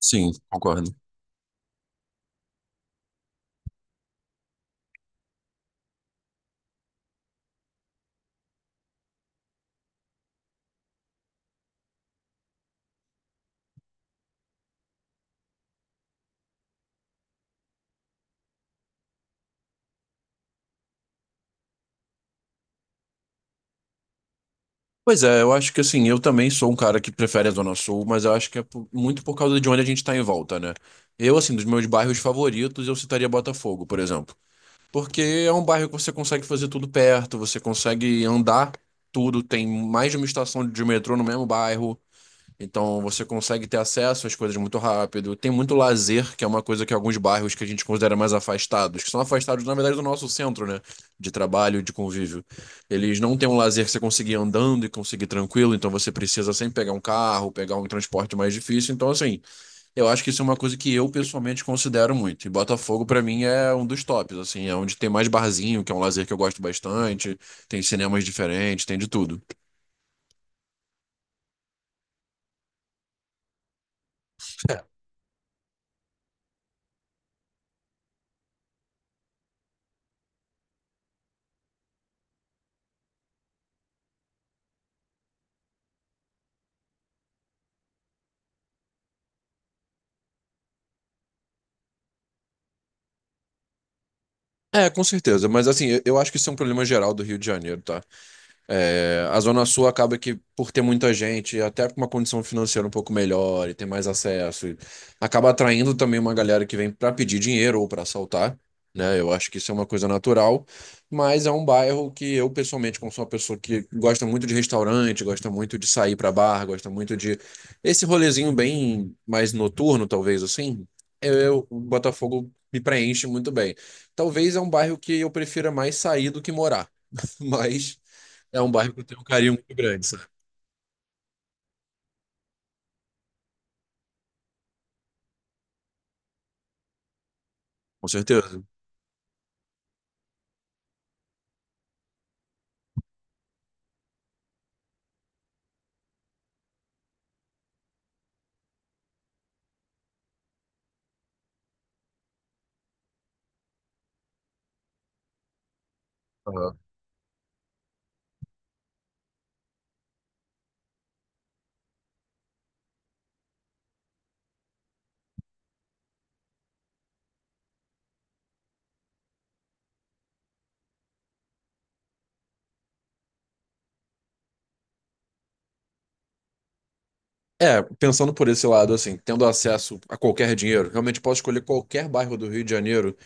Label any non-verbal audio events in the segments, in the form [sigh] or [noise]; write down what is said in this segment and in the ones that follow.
Sim, concordo. Pois é, eu acho que assim, eu também sou um cara que prefere a Zona Sul, mas eu acho que muito por causa de onde a gente tá em volta, né? Eu, assim, dos meus bairros favoritos, eu citaria Botafogo, por exemplo. Porque é um bairro que você consegue fazer tudo perto, você consegue andar tudo, tem mais de uma estação de metrô no mesmo bairro. Então você consegue ter acesso às coisas muito rápido. Tem muito lazer, que é uma coisa que alguns bairros que a gente considera mais afastados, que são afastados, na verdade, do nosso centro, né? De trabalho, de convívio. Eles não têm um lazer que você conseguir andando e conseguir tranquilo, então você precisa sempre pegar um carro, pegar um transporte mais difícil. Então, assim, eu acho que isso é uma coisa que eu pessoalmente considero muito. E Botafogo, pra mim, é um dos tops, assim, é onde tem mais barzinho, que é um lazer que eu gosto bastante, tem cinemas diferentes, tem de tudo. É, com certeza, mas assim, eu acho que isso é um problema geral do Rio de Janeiro, tá? É, a Zona Sul acaba que, por ter muita gente, até com uma condição financeira um pouco melhor e ter mais acesso, e acaba atraindo também uma galera que vem para pedir dinheiro ou para assaltar, né? Eu acho que isso é uma coisa natural, mas é um bairro que eu, pessoalmente, como sou uma pessoa que gosta muito de restaurante, gosta muito de sair para bar, gosta muito de esse rolezinho bem mais noturno, talvez assim, o Botafogo me preenche muito bem. Talvez é um bairro que eu prefira mais sair do que morar, [laughs] mas. É um bairro que eu tenho um carinho muito grande, sabe? Com certeza. Aham. É, pensando por esse lado, assim, tendo acesso a qualquer dinheiro, realmente posso escolher qualquer bairro do Rio de Janeiro,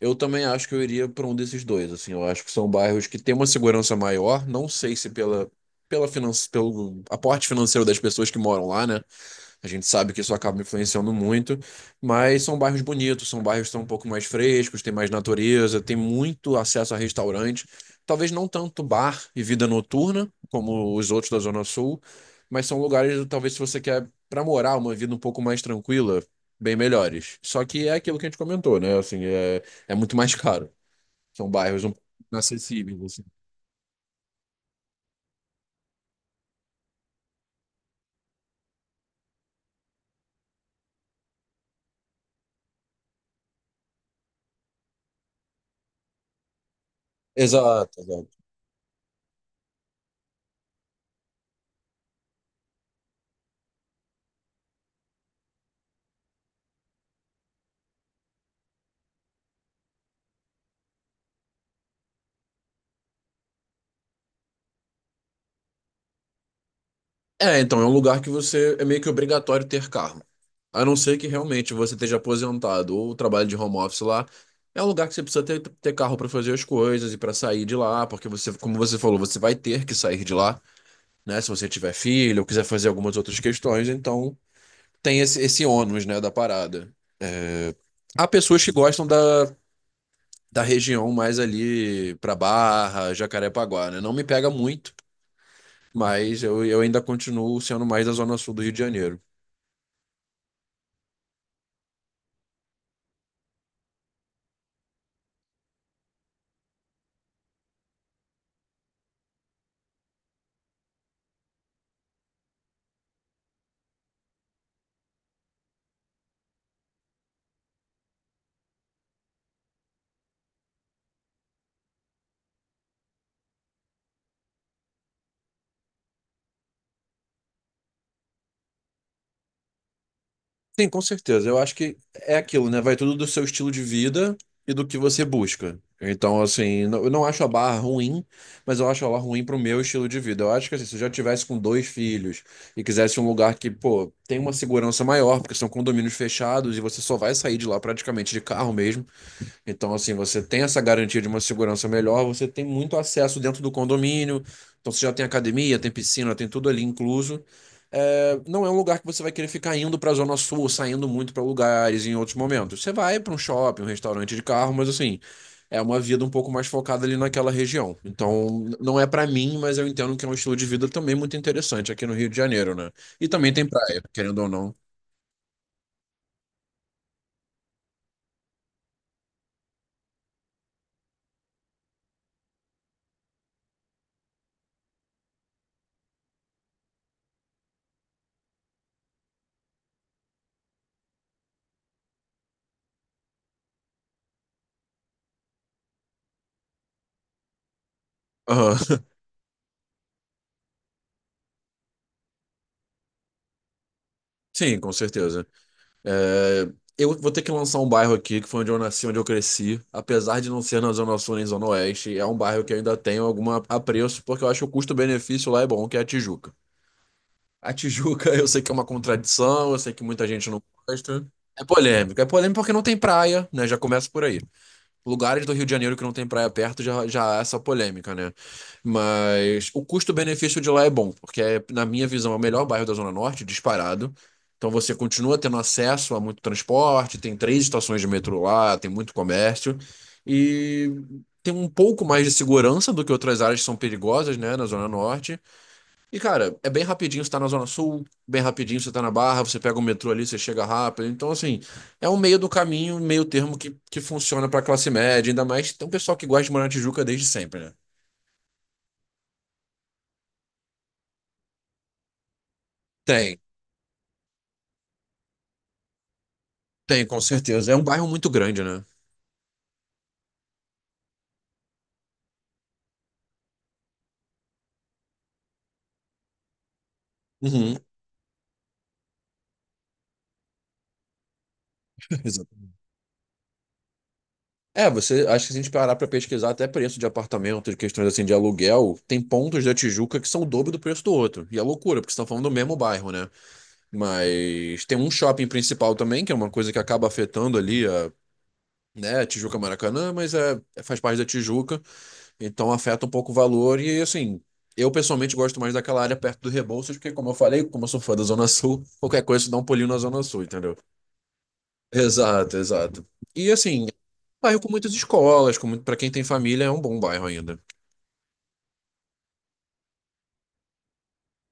eu também acho que eu iria para um desses dois, assim, eu acho que são bairros que têm uma segurança maior, não sei se pela, pela finan pelo aporte financeiro das pessoas que moram lá, né? A gente sabe que isso acaba influenciando muito, mas são bairros bonitos, são bairros que estão um pouco mais frescos, tem mais natureza, tem muito acesso a restaurante. Talvez não tanto bar e vida noturna, como os outros da Zona Sul, mas são lugares, talvez, se você quer para morar uma vida um pouco mais tranquila, bem melhores. Só que é aquilo que a gente comentou, né? Assim, é, é muito mais [laughs] caro. São bairros um pouco inacessíveis, assim. Exato, exato. É, então, é um lugar que você é meio que obrigatório ter carro. A não ser que realmente você esteja aposentado ou trabalhe de home office lá. É um lugar que você precisa ter, ter carro para fazer as coisas e para sair de lá, porque você, como você falou, você vai ter que sair de lá, né? Se você tiver filho ou quiser fazer algumas outras questões, então tem esse, esse ônus, né, da parada. Há pessoas que gostam da, da região mais ali para Barra, Jacarepaguá, né? Não me pega muito, mas eu ainda continuo sendo mais da Zona Sul do Rio de Janeiro. Sim, com certeza. Eu acho que é aquilo, né? Vai tudo do seu estilo de vida e do que você busca. Então, assim, eu não acho a Barra ruim, mas eu acho ela ruim pro meu estilo de vida. Eu acho que assim, se eu já tivesse com dois filhos e quisesse um lugar que, pô, tem uma segurança maior, porque são condomínios fechados e você só vai sair de lá praticamente de carro mesmo. Então, assim, você tem essa garantia de uma segurança melhor, você tem muito acesso dentro do condomínio, então você já tem academia, tem piscina, tem tudo ali incluso. É, não é um lugar que você vai querer ficar indo para a Zona Sul, saindo muito para lugares em outros momentos. Você vai para um shopping, um restaurante de carro, mas assim, é uma vida um pouco mais focada ali naquela região. Então, não é para mim, mas eu entendo que é um estilo de vida também muito interessante aqui no Rio de Janeiro, né? E também tem praia, querendo ou não. Aham. [laughs] Sim, com certeza. É, eu vou ter que lançar um bairro aqui, que foi onde eu nasci, onde eu cresci. Apesar de não ser na Zona Sul nem Zona Oeste, é um bairro que eu ainda tenho algum apreço, porque eu acho que o custo-benefício lá é bom, que é a Tijuca. A Tijuca, [laughs] eu sei que é uma contradição, eu sei que muita gente não gosta. É polêmico. É polêmico porque não tem praia, né? Já começa por aí. Lugares do Rio de Janeiro que não tem praia perto já, já há essa polêmica, né? Mas o custo-benefício de lá é bom, porque, é, na minha visão, é o melhor bairro da Zona Norte, disparado. Então você continua tendo acesso a muito transporte, tem três estações de metrô lá, tem muito comércio. E tem um pouco mais de segurança do que outras áreas que são perigosas, né, na Zona Norte. E, cara, é bem rapidinho, você tá na Zona Sul, bem rapidinho, você tá na Barra, você pega o metrô ali, você chega rápido. Então, assim, é um meio do caminho, um meio termo que funciona pra classe média, ainda mais tem um pessoal que gosta de morar na Tijuca desde sempre, né? Tem, tem, com certeza. É um bairro muito grande, né? Uhum, [laughs] exato. É, você, acho que se a gente parar pra pesquisar até preço de apartamento, de questões assim de aluguel, tem pontos da Tijuca que são o dobro do preço do outro. E é loucura, porque estão falando do mesmo bairro, né? Mas tem um shopping principal também, que é uma coisa que acaba afetando ali a né? Tijuca é Maracanã, mas é, é, faz parte da Tijuca, então afeta um pouco o valor. E assim, eu pessoalmente gosto mais daquela área perto do Rebouças, porque, como eu falei, como eu sou fã da Zona Sul, [laughs] qualquer coisa você dá um pulinho na Zona Sul, entendeu? Exato, exato. E assim, bairro com muitas escolas, com muito, para quem tem família, é um bom bairro ainda.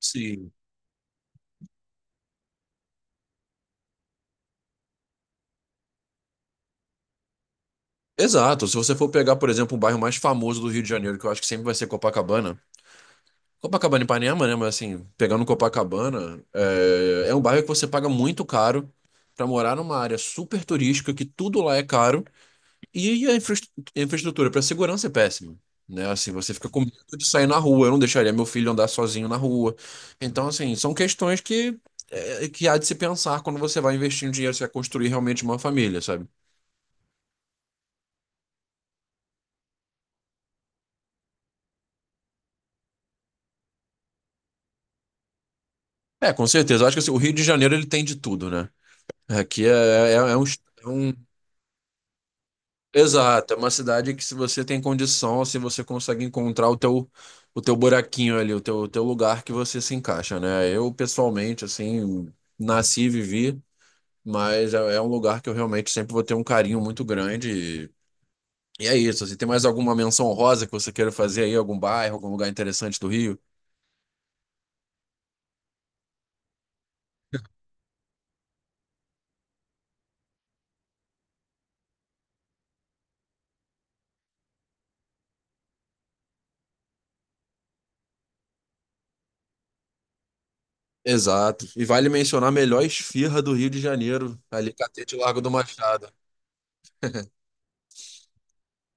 Sim. Exato. Se você for pegar, por exemplo, um bairro mais famoso do Rio de Janeiro, que eu acho que sempre vai ser Copacabana, Copacabana e Ipanema, né? Mas assim, pegando Copacabana, é, é um bairro que você paga muito caro pra morar numa área super turística, que tudo lá é caro, e a infraestrutura para segurança é péssima. Né? Assim, você fica com medo de sair na rua, eu não deixaria meu filho andar sozinho na rua. Então, assim, são questões que, é, que há de se pensar quando você vai investir um dinheiro, você vai construir realmente uma família, sabe? É, com certeza. Eu acho que assim, o Rio de Janeiro ele tem de tudo, né? Aqui é, é, é um Exato, é uma cidade que se você tem condição, assim, você consegue encontrar o teu buraquinho ali, o teu lugar que você se encaixa, né? Eu, pessoalmente, assim, nasci e vivi, mas é, é um lugar que eu realmente sempre vou ter um carinho muito grande. E é isso, assim, tem mais alguma menção honrosa que você queira fazer aí, algum bairro, algum lugar interessante do Rio? Exato. E vale mencionar a melhor esfirra do Rio de Janeiro, ali, Catete Largo do Machado.